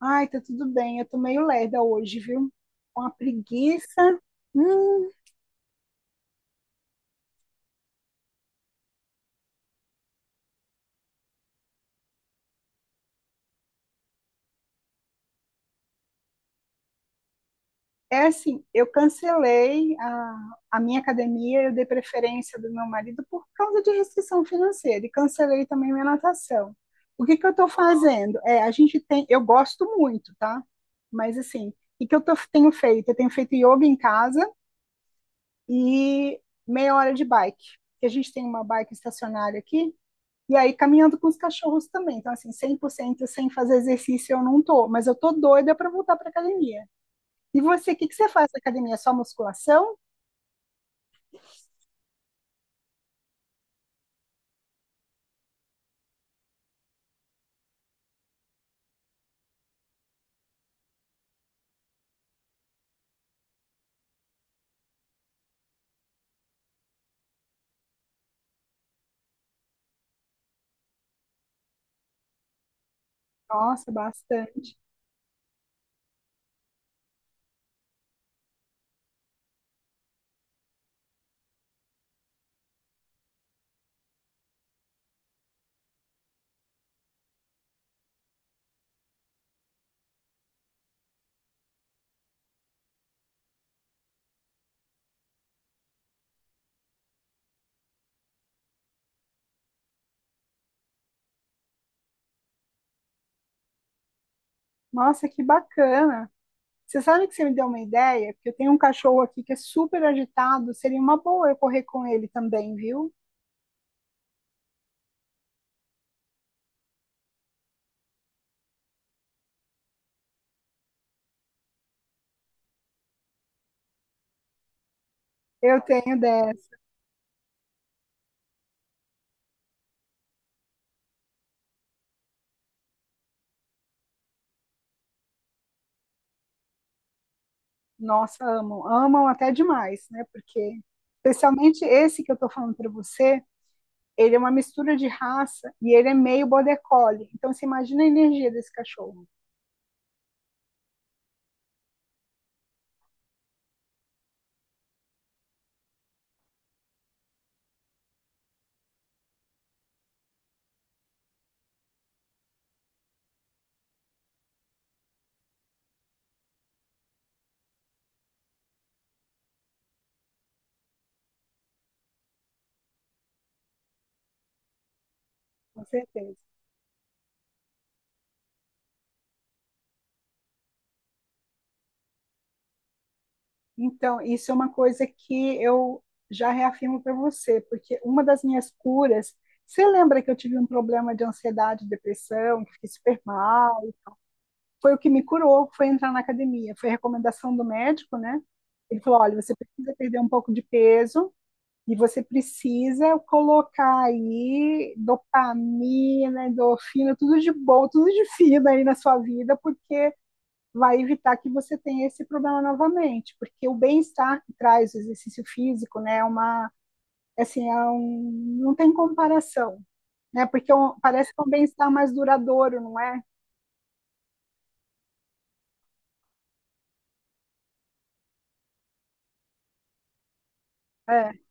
Ai, tá tudo bem. Eu tô meio lerda hoje, viu? Uma preguiça. Hum, é assim, eu cancelei a minha academia, eu dei preferência do meu marido por causa de restrição financeira e cancelei também minha natação. O que que eu tô fazendo? É, a gente tem, eu gosto muito, tá? Mas assim, o que que eu tenho feito? Eu tenho feito yoga em casa e meia hora de bike. A gente tem uma bike estacionária aqui. E aí, caminhando com os cachorros também. Então, assim, 100% sem fazer exercício eu não tô, mas eu tô doida para voltar para academia. E você, o que que você faz na academia? Só musculação? Nossa, bastante. Nossa, que bacana. Você sabe que você me deu uma ideia? Porque eu tenho um cachorro aqui que é super agitado, seria uma boa eu correr com ele também, viu? Eu tenho dessa. Nossa, amam. Amam até demais, né? Porque, especialmente esse que eu tô falando para você, ele é uma mistura de raça e ele é meio border collie. Então você imagina a energia desse cachorro. Com certeza. Então, isso é uma coisa que eu já reafirmo para você, porque uma das minhas curas, você lembra que eu tive um problema de ansiedade, depressão, que fiquei super mal? Foi o que me curou, foi entrar na academia, foi a recomendação do médico, né? Ele falou: olha, você precisa perder um pouco de peso. E você precisa colocar aí dopamina, endorfina, tudo de bom, tudo de fino aí na sua vida, porque vai evitar que você tenha esse problema novamente. Porque o bem-estar que traz o exercício físico, né, é uma, assim, é um, não tem comparação, né? Porque é um, parece que é um bem-estar mais duradouro, não é? É,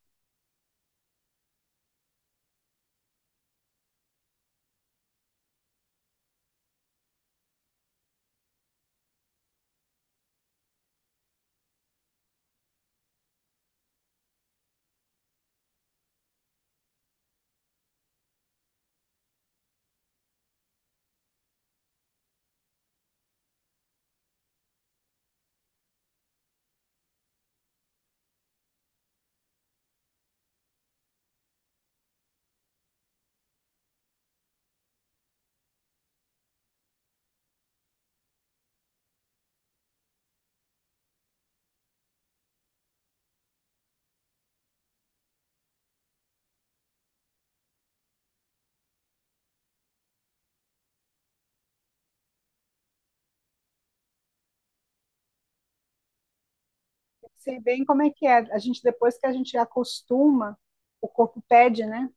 eu sei bem como é que é. A gente, depois que a gente acostuma, o corpo pede, né?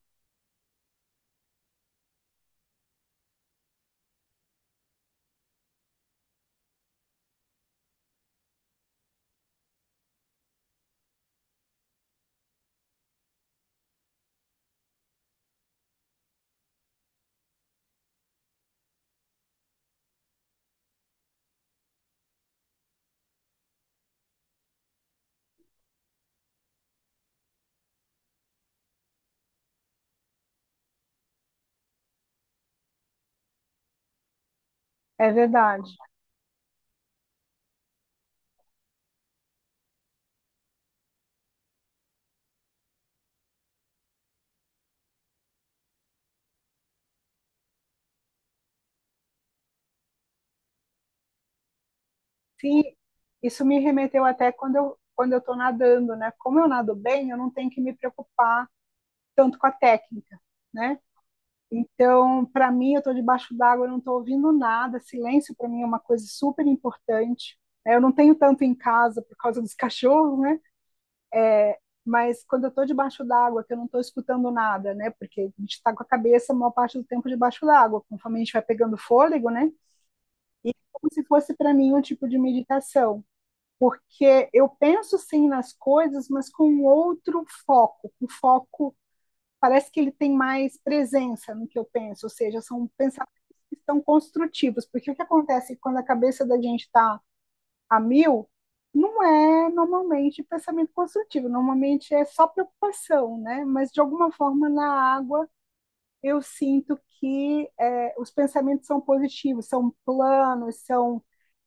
É verdade. Sim, isso me remeteu até quando eu estou nadando, né? Como eu nado bem, eu não tenho que me preocupar tanto com a técnica, né? Então, para mim, eu estou debaixo d'água, eu não estou ouvindo nada. Silêncio para mim é uma coisa super importante, né? Eu não tenho tanto em casa por causa dos cachorros, né? Mas quando eu estou debaixo d'água, que eu não estou escutando nada, né? Porque a gente está com a cabeça a maior parte do tempo debaixo d'água, conforme a gente vai pegando fôlego, né? Como se fosse para mim um tipo de meditação. Porque eu penso sim nas coisas, mas com um outro foco, um foco parece que ele tem mais presença no que eu penso, ou seja, são pensamentos que estão construtivos, porque o que acontece quando a cabeça da gente está a mil não é normalmente pensamento construtivo, normalmente é só preocupação, né? Mas de alguma forma na água eu sinto que é, os pensamentos são positivos, são planos, são.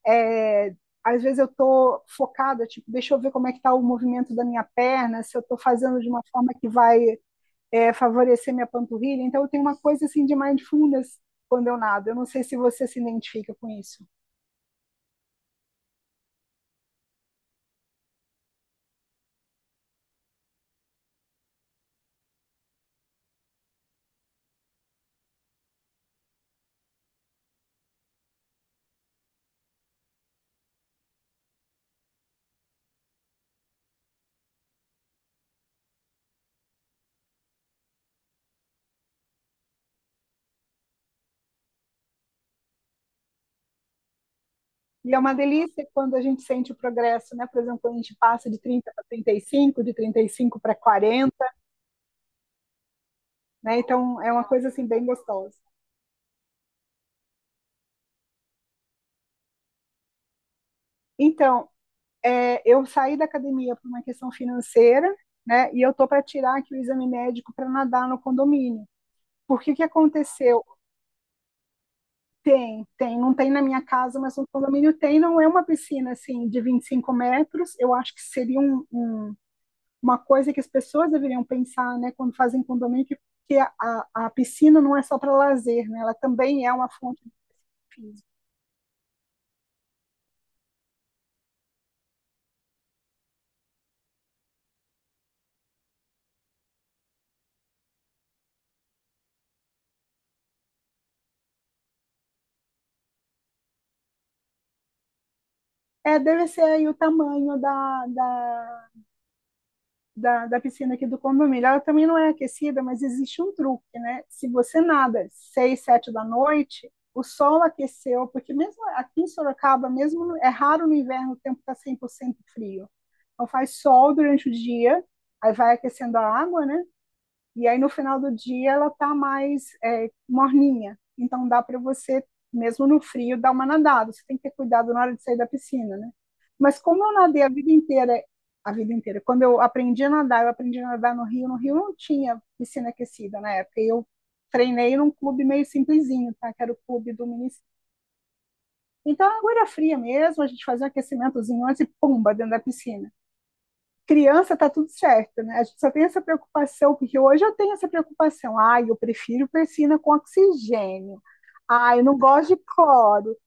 É, às vezes eu estou focada, tipo, deixa eu ver como é que está o movimento da minha perna, se eu estou fazendo de uma forma que vai é, favorecer minha panturrilha. Então eu tenho uma coisa assim de mindfulness quando eu nado. Eu não sei se você se identifica com isso. E é uma delícia quando a gente sente o progresso, né? Por exemplo, quando a gente passa de 30 para 35, de 35 para 40, né? Então é uma coisa assim bem gostosa. Então, é, eu saí da academia por uma questão financeira, né? E eu tô para tirar aqui o exame médico para nadar no condomínio. Porque o que aconteceu? Tem, tem, não tem na minha casa, mas no condomínio tem, não é uma piscina assim de 25 metros. Eu acho que seria um, um, uma coisa que as pessoas deveriam pensar, né, quando fazem condomínio, que a, a piscina não é só para lazer, né? Ela também é uma fonte de físico. É, deve ser aí o tamanho da, da piscina aqui do condomínio. Ela também não é aquecida, mas existe um truque, né? Se você nada seis, sete da noite, o sol aqueceu, porque mesmo aqui em Sorocaba, mesmo é raro no inverno o tempo está 100% frio. Então faz sol durante o dia, aí vai aquecendo a água, né? E aí no final do dia ela tá mais é, morninha. Então dá para você, mesmo no frio, dar uma nadada. Você tem que ter cuidado na hora de sair da piscina, né? Mas como eu nadei a vida inteira, quando eu aprendi a nadar, eu aprendi a nadar no Rio. No Rio não tinha piscina aquecida na época. Eu treinei num clube meio simplesinho, tá? Que era o clube do município. Então a água era fria mesmo, a gente fazia um aquecimentozinho antes e pumba dentro da piscina. Criança tá tudo certo, né? A gente só tem essa preocupação, porque hoje eu tenho essa preocupação. Ah, eu prefiro persina com oxigênio. Ah, eu não gosto de cloro.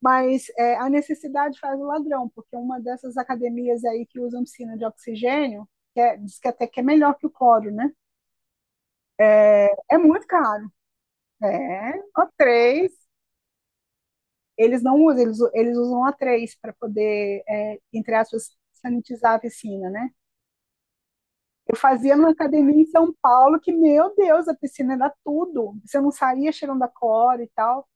Mas é, a necessidade faz o ladrão, porque uma dessas academias aí que usam piscina de oxigênio, que é- diz que até que é melhor que o cloro, né? É muito caro. É, o três. Eles não usam, eles usam o A3 para poder, é, entre aspas, sanitizar a piscina, né? Eu fazia numa academia em São Paulo que, meu Deus, a piscina era tudo. Você não saía cheirando a cloro e tal.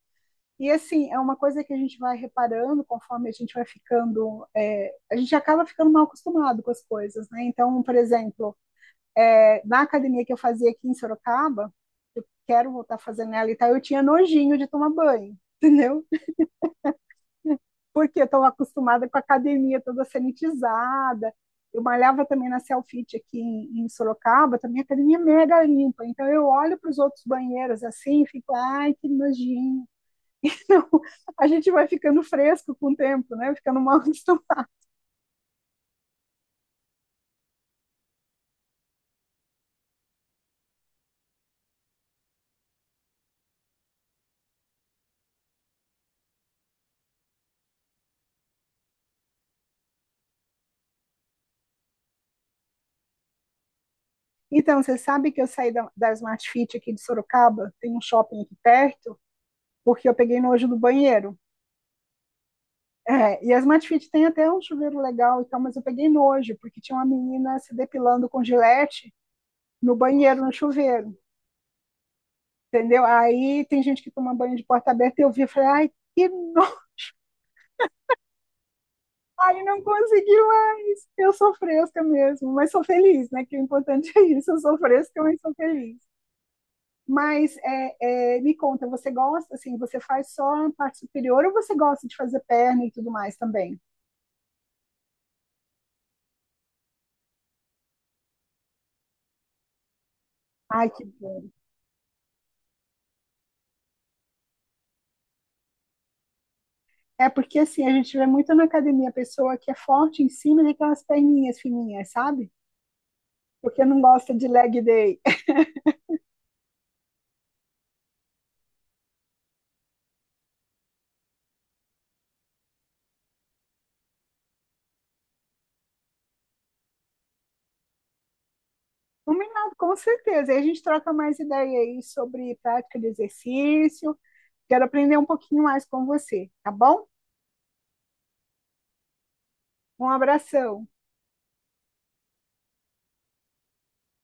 E assim, é uma coisa que a gente vai reparando conforme a gente vai ficando. É, a gente acaba ficando mal acostumado com as coisas, né? Então, por exemplo, é, na academia que eu fazia aqui em Sorocaba, quero voltar a fazer nela e tal, eu tinha nojinho de tomar banho, entendeu? Porque eu estou acostumada com a academia toda sanitizada. Eu malhava também na Selfit aqui em Sorocaba, também a academia é mega limpa. Então eu olho para os outros banheiros assim e fico, ai, que nojinho. Então, a gente vai ficando fresco com o tempo, né? Ficando mal acostumado. Então, você sabe que eu saí da Smart Fit aqui de Sorocaba, tem um shopping aqui perto, porque eu peguei nojo do banheiro. É, e a Smart Fit tem até um chuveiro legal e tal, mas eu peguei nojo, porque tinha uma menina se depilando com gilete no banheiro, no chuveiro, entendeu? Aí tem gente que toma banho de porta aberta eu vi e falei, ai, que não, ai, não consegui mais, eu sou fresca mesmo, mas sou feliz, né? Que o importante é isso, eu sou fresca, mas sou feliz. Mas é, é, me conta, você gosta, assim, você faz só a parte superior ou você gosta de fazer perna e tudo mais também? Ai, que bom. É porque, assim, a gente vê muito na academia a pessoa que é forte em cima daquelas perninhas fininhas, sabe? Porque não gosta de leg day. Combinado, com certeza. E a gente troca mais ideia aí sobre prática de exercício. Quero aprender um pouquinho mais com você, tá bom? Um abração.